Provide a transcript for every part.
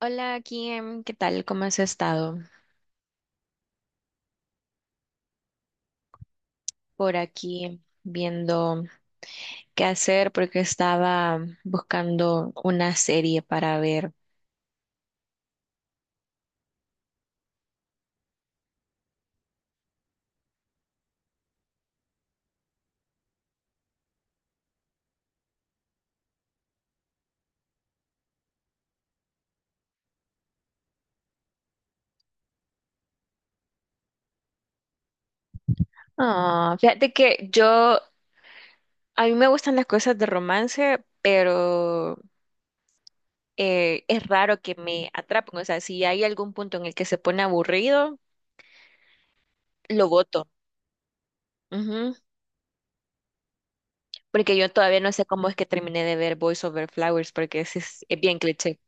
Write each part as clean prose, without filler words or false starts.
Hola, Kim, ¿qué tal? ¿Cómo has estado? Por aquí viendo qué hacer porque estaba buscando una serie para ver. Ah, fíjate que yo, a mí me gustan las cosas de romance, pero es raro que me atrapen. O sea, si hay algún punto en el que se pone aburrido, lo voto. Ujú. Porque yo todavía no sé cómo es que terminé de ver Boys Over Flowers, porque ese es bien cliché.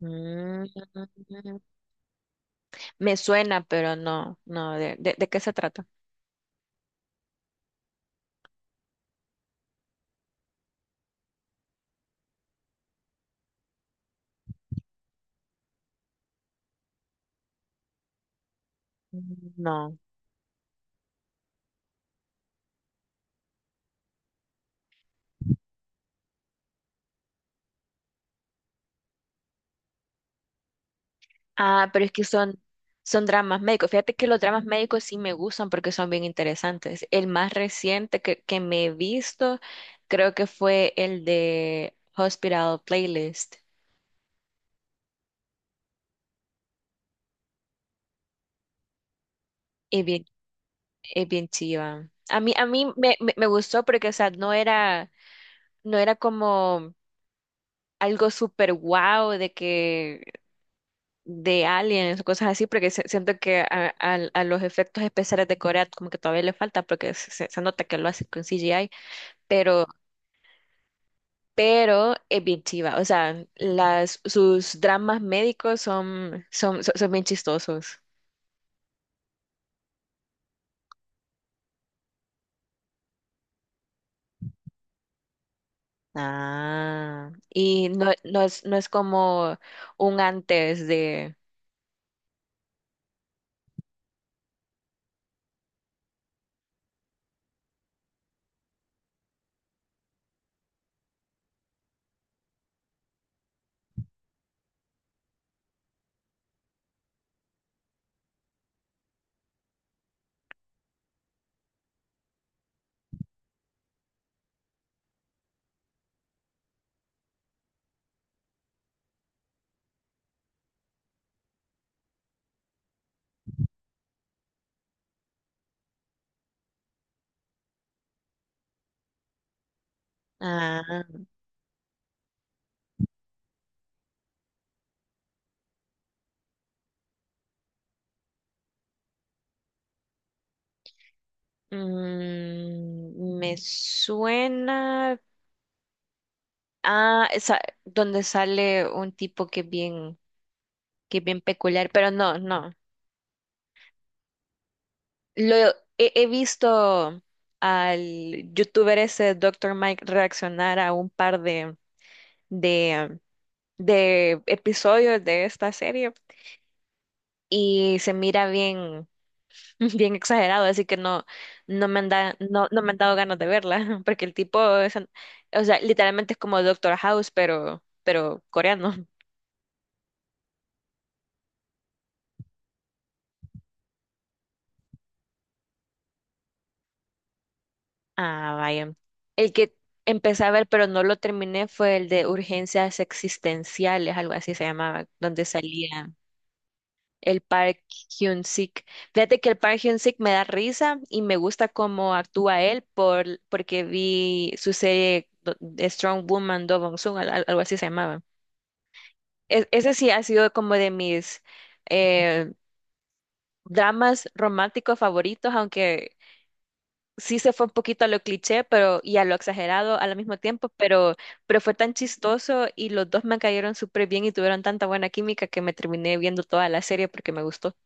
Mm. Me suena, pero no, no, ¿de qué se trata? No. Ah, pero es que son dramas médicos. Fíjate que los dramas médicos sí me gustan porque son bien interesantes. El más reciente que me he visto creo que fue el de Hospital Playlist. Es bien, es bien chiva. A mí me gustó porque, o sea, no era como algo súper guau de que de aliens o cosas así, porque siento que a los efectos especiales de Corea como que todavía le falta, porque nota que lo hace con CGI, pero, pero es bien chiva, o sea, las, sus dramas médicos son bien chistosos. Ah, y no es como un antes de... Ah, mm, me suena... Ah, esa, donde sale un tipo que es bien peculiar, pero no, no. Lo he visto al youtuber ese doctor Mike reaccionar a un par de, de episodios de esta serie y se mira bien, bien exagerado, así que no, no, no me han dado ganas de verla, porque el tipo es, o sea, literalmente es como Doctor House, pero coreano. Ah, vaya. El que empecé a ver, pero no lo terminé, fue el de Urgencias Existenciales, algo así se llamaba, donde salía el Park Hyun-sik. Fíjate que el Park Hyun-sik me da risa y me gusta cómo actúa él por, porque vi su serie de Strong Woman Do Bong-soon, algo así se llamaba. Ese sí ha sido como de mis eh, dramas románticos favoritos, aunque sí se fue un poquito a lo cliché, pero y a lo exagerado al mismo tiempo, pero fue tan chistoso y los dos me cayeron súper bien y tuvieron tanta buena química que me terminé viendo toda la serie porque me gustó.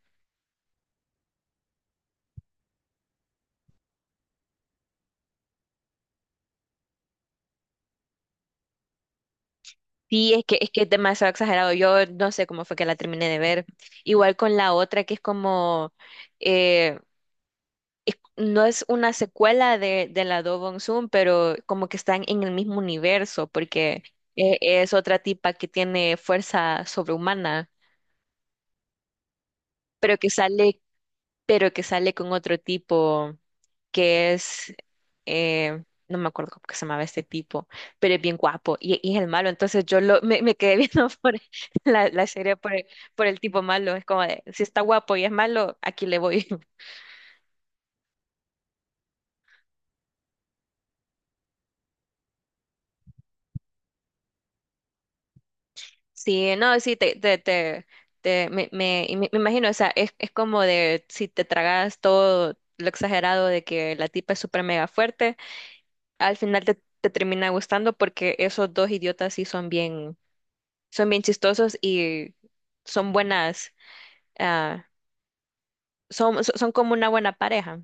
Sí, es que es demasiado exagerado. Yo no sé cómo fue que la terminé de ver. Igual con la otra que es como, eh, no es una secuela de la Do Bong Soon, pero como que están en el mismo universo porque es otra tipa que tiene fuerza sobrehumana pero que sale pero que sale con otro tipo que es, no me acuerdo cómo que se llamaba este tipo, pero es bien guapo y es el malo. Entonces me quedé viendo por la serie por por el tipo malo. Es como de, si está guapo y es malo, aquí le voy. Sí, no, sí, me imagino, o sea, es como de si te tragas todo lo exagerado de que la tipa es súper mega fuerte, al final te termina gustando porque esos dos idiotas sí son bien. Son bien chistosos y son buenas, ah, son como una buena pareja.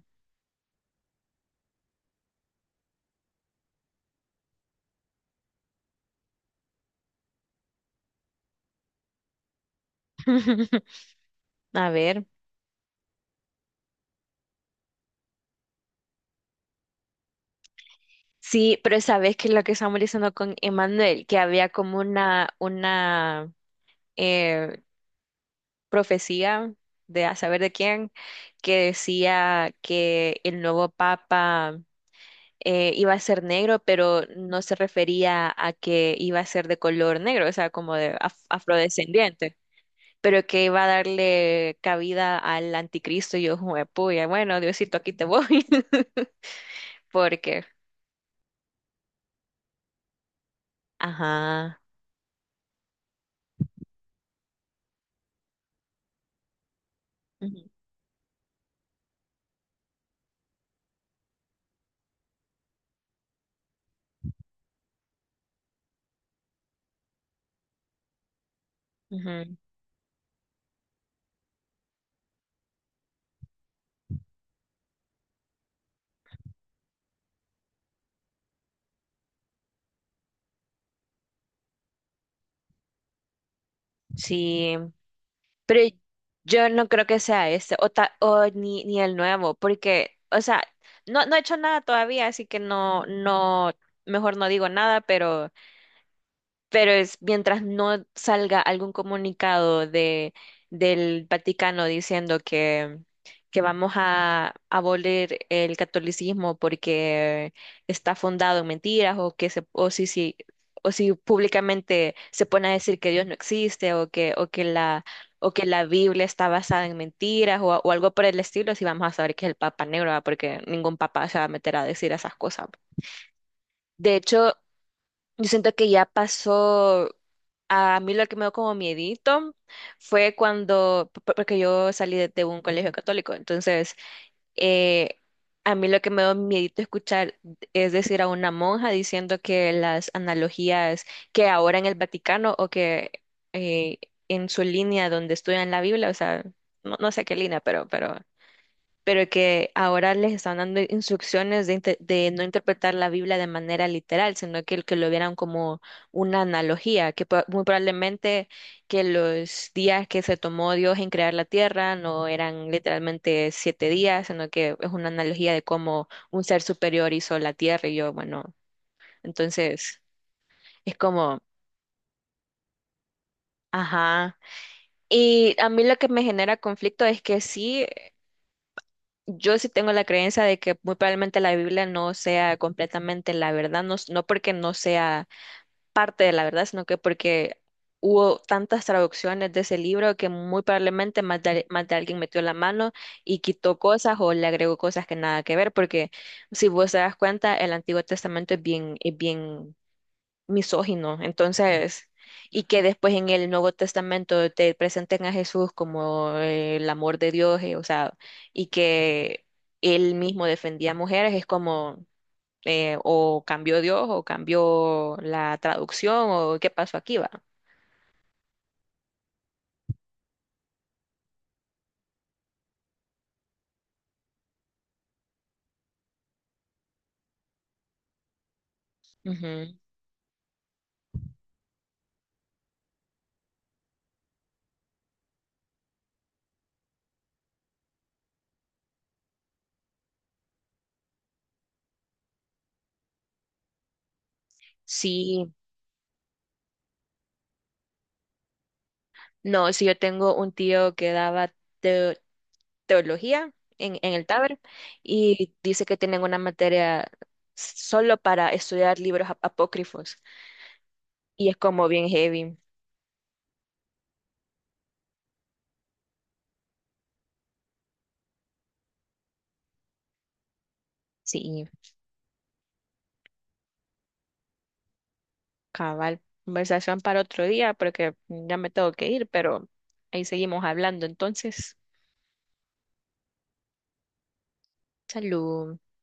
A ver, sí, pero sabes que lo que estamos diciendo con Emanuel, que había como una eh, profecía de a saber de quién, que decía que el nuevo papa iba a ser negro, pero no se refería a que iba a ser de color negro, o sea, como de afrodescendiente. Pero que va a darle cabida al anticristo y yo, puya, bueno, Diosito, aquí te voy. Porque, ajá, ujú, ujú, sí, pero yo no creo que sea este, o, ni el nuevo, porque, o sea, no, no he hecho nada todavía, así que no, no, mejor no digo nada, pero... Pero es mientras no salga algún comunicado de, del Vaticano diciendo que vamos a abolir el catolicismo porque está fundado en mentiras o que se, o si, o si públicamente se pone a decir que Dios no existe o que la Biblia está basada en mentiras o algo por el estilo, si vamos a saber que es el Papa Negro, ¿va? Porque ningún papa se va a meter a decir esas cosas. De hecho, yo siento que ya pasó, a mí lo que me dio como miedito fue cuando, porque yo salí de un colegio católico, entonces eh, a mí lo que me dio miedito escuchar es decir a una monja diciendo que las analogías que ahora en el Vaticano o que eh, en su línea donde estudian la Biblia, o sea, no, no sé qué línea, pero que ahora les están dando instrucciones de, de no interpretar la Biblia de manera literal, sino que lo vieran como una analogía, que muy probablemente que los días que se tomó Dios en crear la tierra no eran literalmente siete días, sino que es una analogía de cómo un ser superior hizo la tierra y yo, bueno, entonces es como, ajá. Y a mí lo que me genera conflicto es que sí. Yo sí tengo la creencia de que muy probablemente la Biblia no sea completamente la verdad, no, no porque no sea parte de la verdad, sino que porque hubo tantas traducciones de ese libro que muy probablemente más de alguien metió la mano y quitó cosas o le agregó cosas que nada que ver, porque si vos te das cuenta, el Antiguo Testamento es bien misógino. Entonces, y que después en el Nuevo Testamento te presenten a Jesús como el amor de Dios, o sea, y que él mismo defendía a mujeres, es como o cambió Dios o cambió la traducción o qué pasó aquí, va. Ujú. Sí, no, sí, yo tengo un tío que daba teo- teología en el Taber y dice que tienen una materia solo para estudiar libros apócrifos. Y es como bien heavy. Sí, cabal. Conversación para otro día porque ya me tengo que ir, pero ahí seguimos hablando. Entonces, salud.